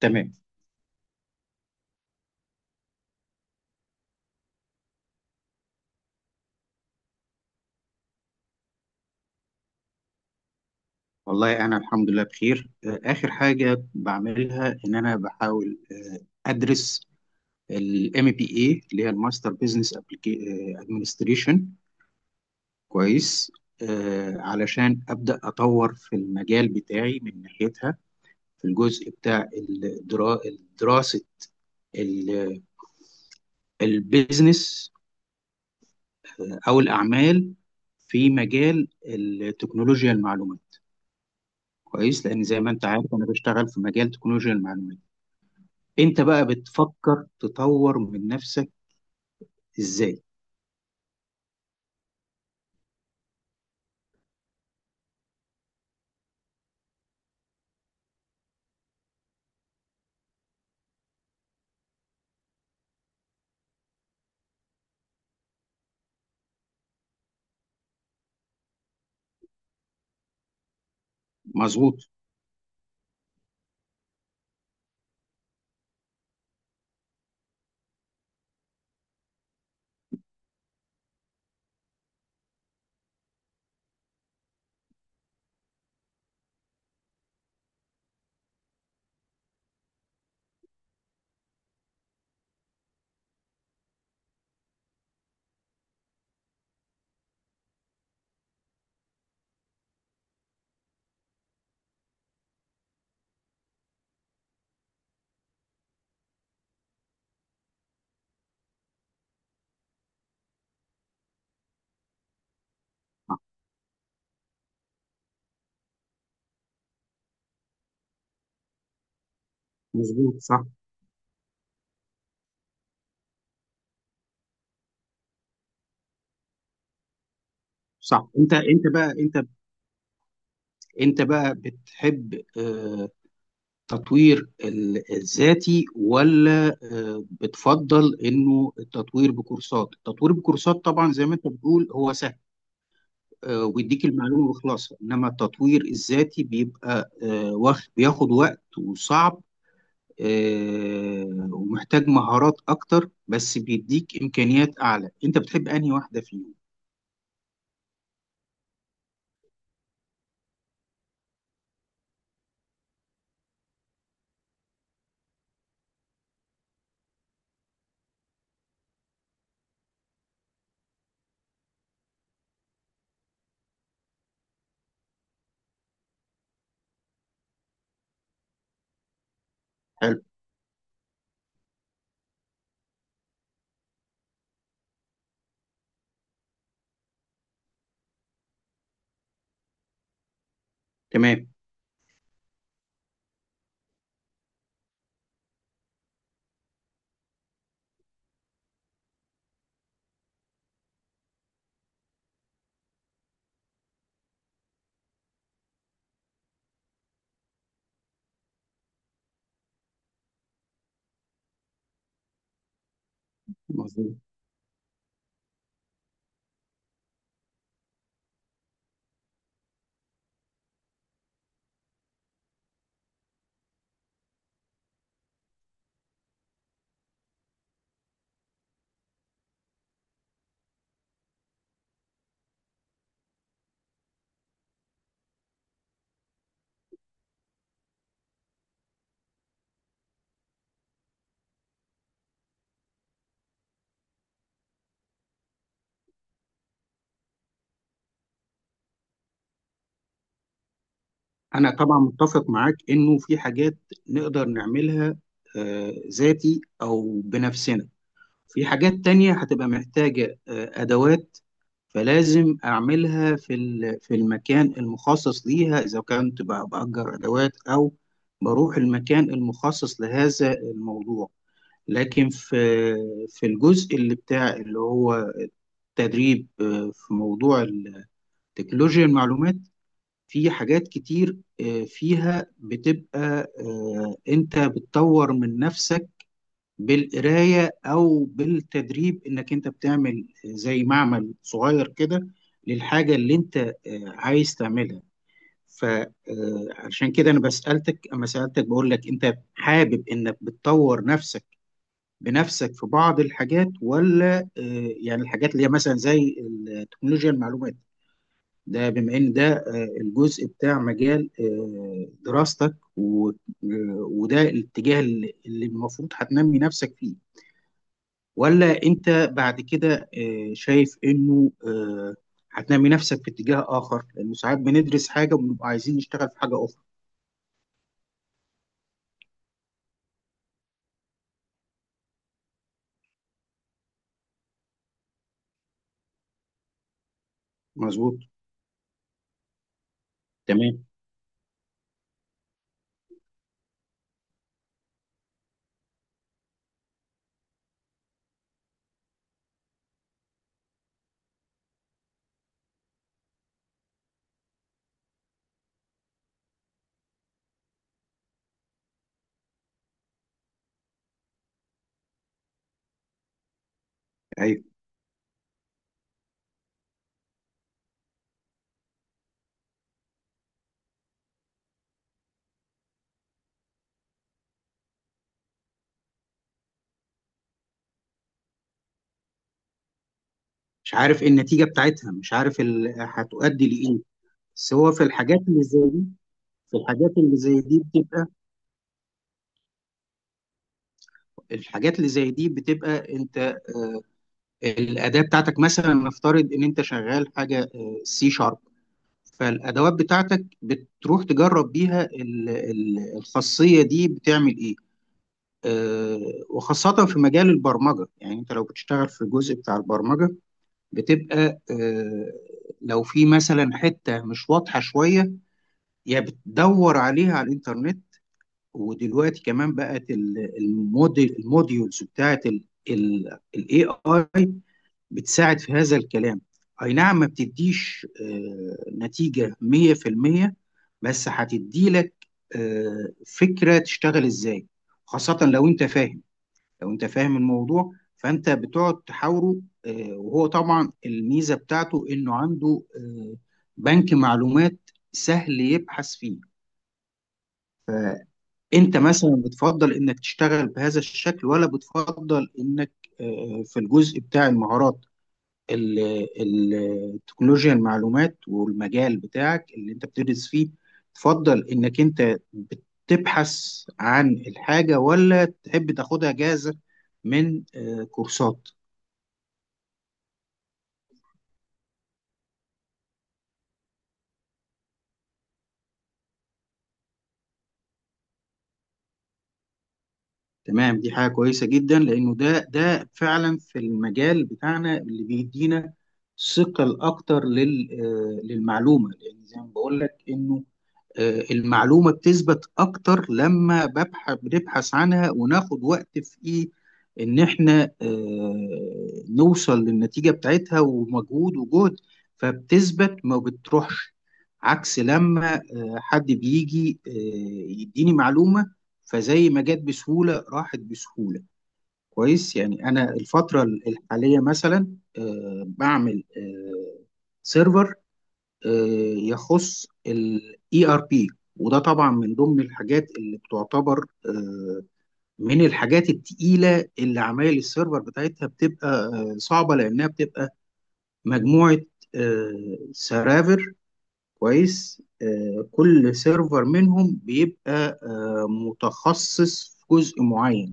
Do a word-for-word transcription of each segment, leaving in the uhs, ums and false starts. تمام. والله أنا الحمد لله بخير، آه، آخر حاجة بعملها إن أنا بحاول آه، أدرس ال M B A اللي هي الماستر بزنس ادمنستريشن. كويس، آه، علشان أبدأ أطور في المجال بتاعي من ناحيتها، في الجزء بتاع الدرا... دراسة البيزنس أو الأعمال في مجال التكنولوجيا المعلومات. كويس، لأن زي ما أنت عارف أنا بشتغل في مجال تكنولوجيا المعلومات. انت بقى بتفكر تطور من نفسك ازاي؟ مظبوط، صح. مظبوط، صح. صح. انت انت بقى انت انت بقى بتحب آه، تطوير ال- الذاتي ولا آه، بتفضل انه التطوير بكورسات؟ التطوير بكورسات طبعا زي ما انت بتقول هو سهل، آه، ويديك المعلومة وخلاص، انما التطوير الذاتي بيبقى آه، واخ- بياخد وقت وصعب، آه، ومحتاج مهارات اكتر، بس بيديك امكانيات اعلى. انت بتحب انهي واحده فيهم؟ حلو. تمام. مظبوط. انا طبعا متفق معاك انه في حاجات نقدر نعملها آه، ذاتي او بنفسنا، في حاجات تانية هتبقى محتاجة آه، ادوات، فلازم اعملها في ال- في المكان المخصص ليها، اذا كنت بأ- باجر ادوات او بروح المكان المخصص لهذا الموضوع. لكن في في الجزء اللي بتاع اللي هو تدريب آه، في موضوع التكنولوجيا المعلومات، في حاجات كتير آه، فيها بتبقى آه، انت بتطور من نفسك بالقراية او بالتدريب، انك انت بتعمل زي معمل صغير كده للحاجة اللي انت آه، عايز تعملها. فعشان كده انا بسألتك، اما سألتك بقول لك انت حابب انك بتطور نفسك بنفسك في بعض الحاجات ولا آه، يعني الحاجات اللي هي مثلا زي التكنولوجيا المعلومات، ده بما ان ده آه، الجزء بتاع مجال آه، دراستك و- آه، وده الاتجاه اللي اللي المفروض هتنمي نفسك فيه، ولا انت بعد كده آه، شايف انه آه، هتنمي نفسك في اتجاه اخر لانه ساعات بندرس حاجه وبنبقى عايزين نشتغل في حاجه اخرى؟ مظبوط. تمام. ايوه. مش عارف إيه النتيجه بتاعتها، مش عارف ال- هتؤدي لايه، سواء في الحاجات اللي زي دي. في الحاجات اللي زي دي بتبقى، الحاجات اللي زي دي بتبقى انت الاداه بتاعتك. مثلا نفترض ان انت شغال حاجه سي شارب، فالادوات بتاعتك بتروح تجرب بيها ال- ال- الخاصيه دي بتعمل ايه، آه، وخاصه في مجال البرمجه. يعني انت لو بتشتغل في الجزء بتاع البرمجه بتبقى، آه، لو في مثلا حته مش واضحه شويه، يا بتدور عليها على الانترنت، ودلوقتي كمان بقت ال- الموديل الموديولز بتاعت الاي اي بتساعد في هذا الكلام. اي نعم ما بتديش آه، نتيجة مية بالمية، بس هتدي لك آه، فكرة تشتغل ازاي، خاصة لو انت فاهم، لو انت فاهم الموضوع، فانت بتقعد تحاوره، آه، وهو طبعا الميزة بتاعته انه عنده آه، بنك معلومات سهل يبحث فيه. انت مثلا بتفضل انك تشتغل بهذا الشكل، ولا بتفضل انك آه، في الجزء بتاع المهارات ال- ال- التكنولوجيا المعلومات والمجال بتاعك اللي انت بتدرس فيه تفضل انك انت بتبحث عن الحاجة، ولا تحب تاخدها جاهزة من آه، كورسات؟ تمام، دي حاجة كويسة جدا، لانه ده ده فعلا في المجال بتاعنا اللي بيدينا ثقل اكتر لل- آه، للمعلومة. لان زي ما بقول لك انه آه، المعلومة بتثبت أكتر لما ببحث بنبحث عنها وناخد وقت في إيه، إن إحنا آه، نوصل للنتيجة بتاعتها ومجهود وجهد، فبتثبت ما بتروحش، عكس لما آه، حد بيجي آه، يديني معلومة، فزي ما جت بسهولة راحت بسهولة. كويس، يعني أنا الفترة الحالية مثلا آه، بعمل آه، سيرفر آه، يخص الاي ار بي، وده طبعا من ضمن الحاجات اللي بتعتبر آه، من الحاجات التقيله، اللي عمايل السيرفر بتاعتها بتبقى آه، صعبه، لانها بتبقى مجموعه آه، سرافر. كويس، آه، كل سيرفر منهم بيبقى آه، متخصص في جزء معين،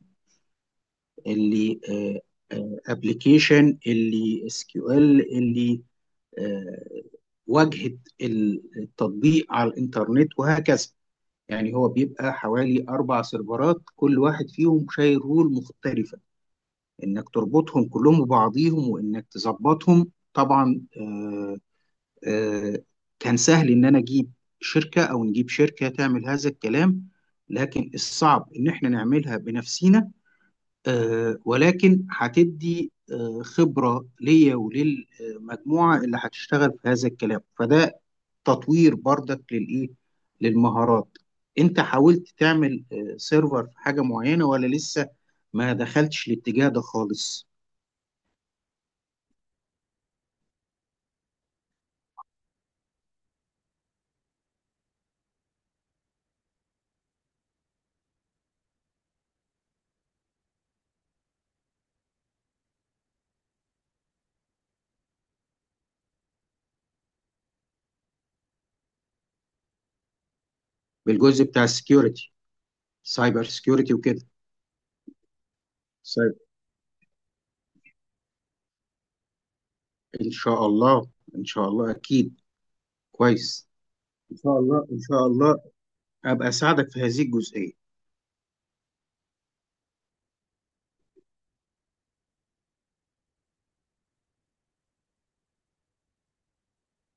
اللي آه، ابلكيشن، اللي اس كيو ال، اللي واجهه التطبيق على الانترنت، وهكذا. يعني هو بيبقى حوالي اربع سيرفرات كل واحد فيهم شايل رول مختلفه، انك تربطهم كلهم ببعضيهم وانك تظبطهم طبعا. آه، آه، كان سهل ان انا اجيب شركه، او نجيب شركه تعمل هذا الكلام، لكن الصعب ان احنا نعملها بنفسينا، آه، ولكن هتدي آه، خبره ليا وللمجموعه اللي هتشتغل في هذا الكلام، فده تطوير برضك للايه، للمهارات. انت حاولت تعمل آه، سيرفر في حاجه معينه، ولا لسه ما دخلتش الاتجاه ده خالص؟ بالجزء بتاع السكيورتي، سايبر سكيورتي وكده، سايبر. ان شاء الله، ان شاء الله اكيد. كويس، ان شاء الله ان شاء الله ابقى اساعدك في هذه الجزئيه.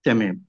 تمام.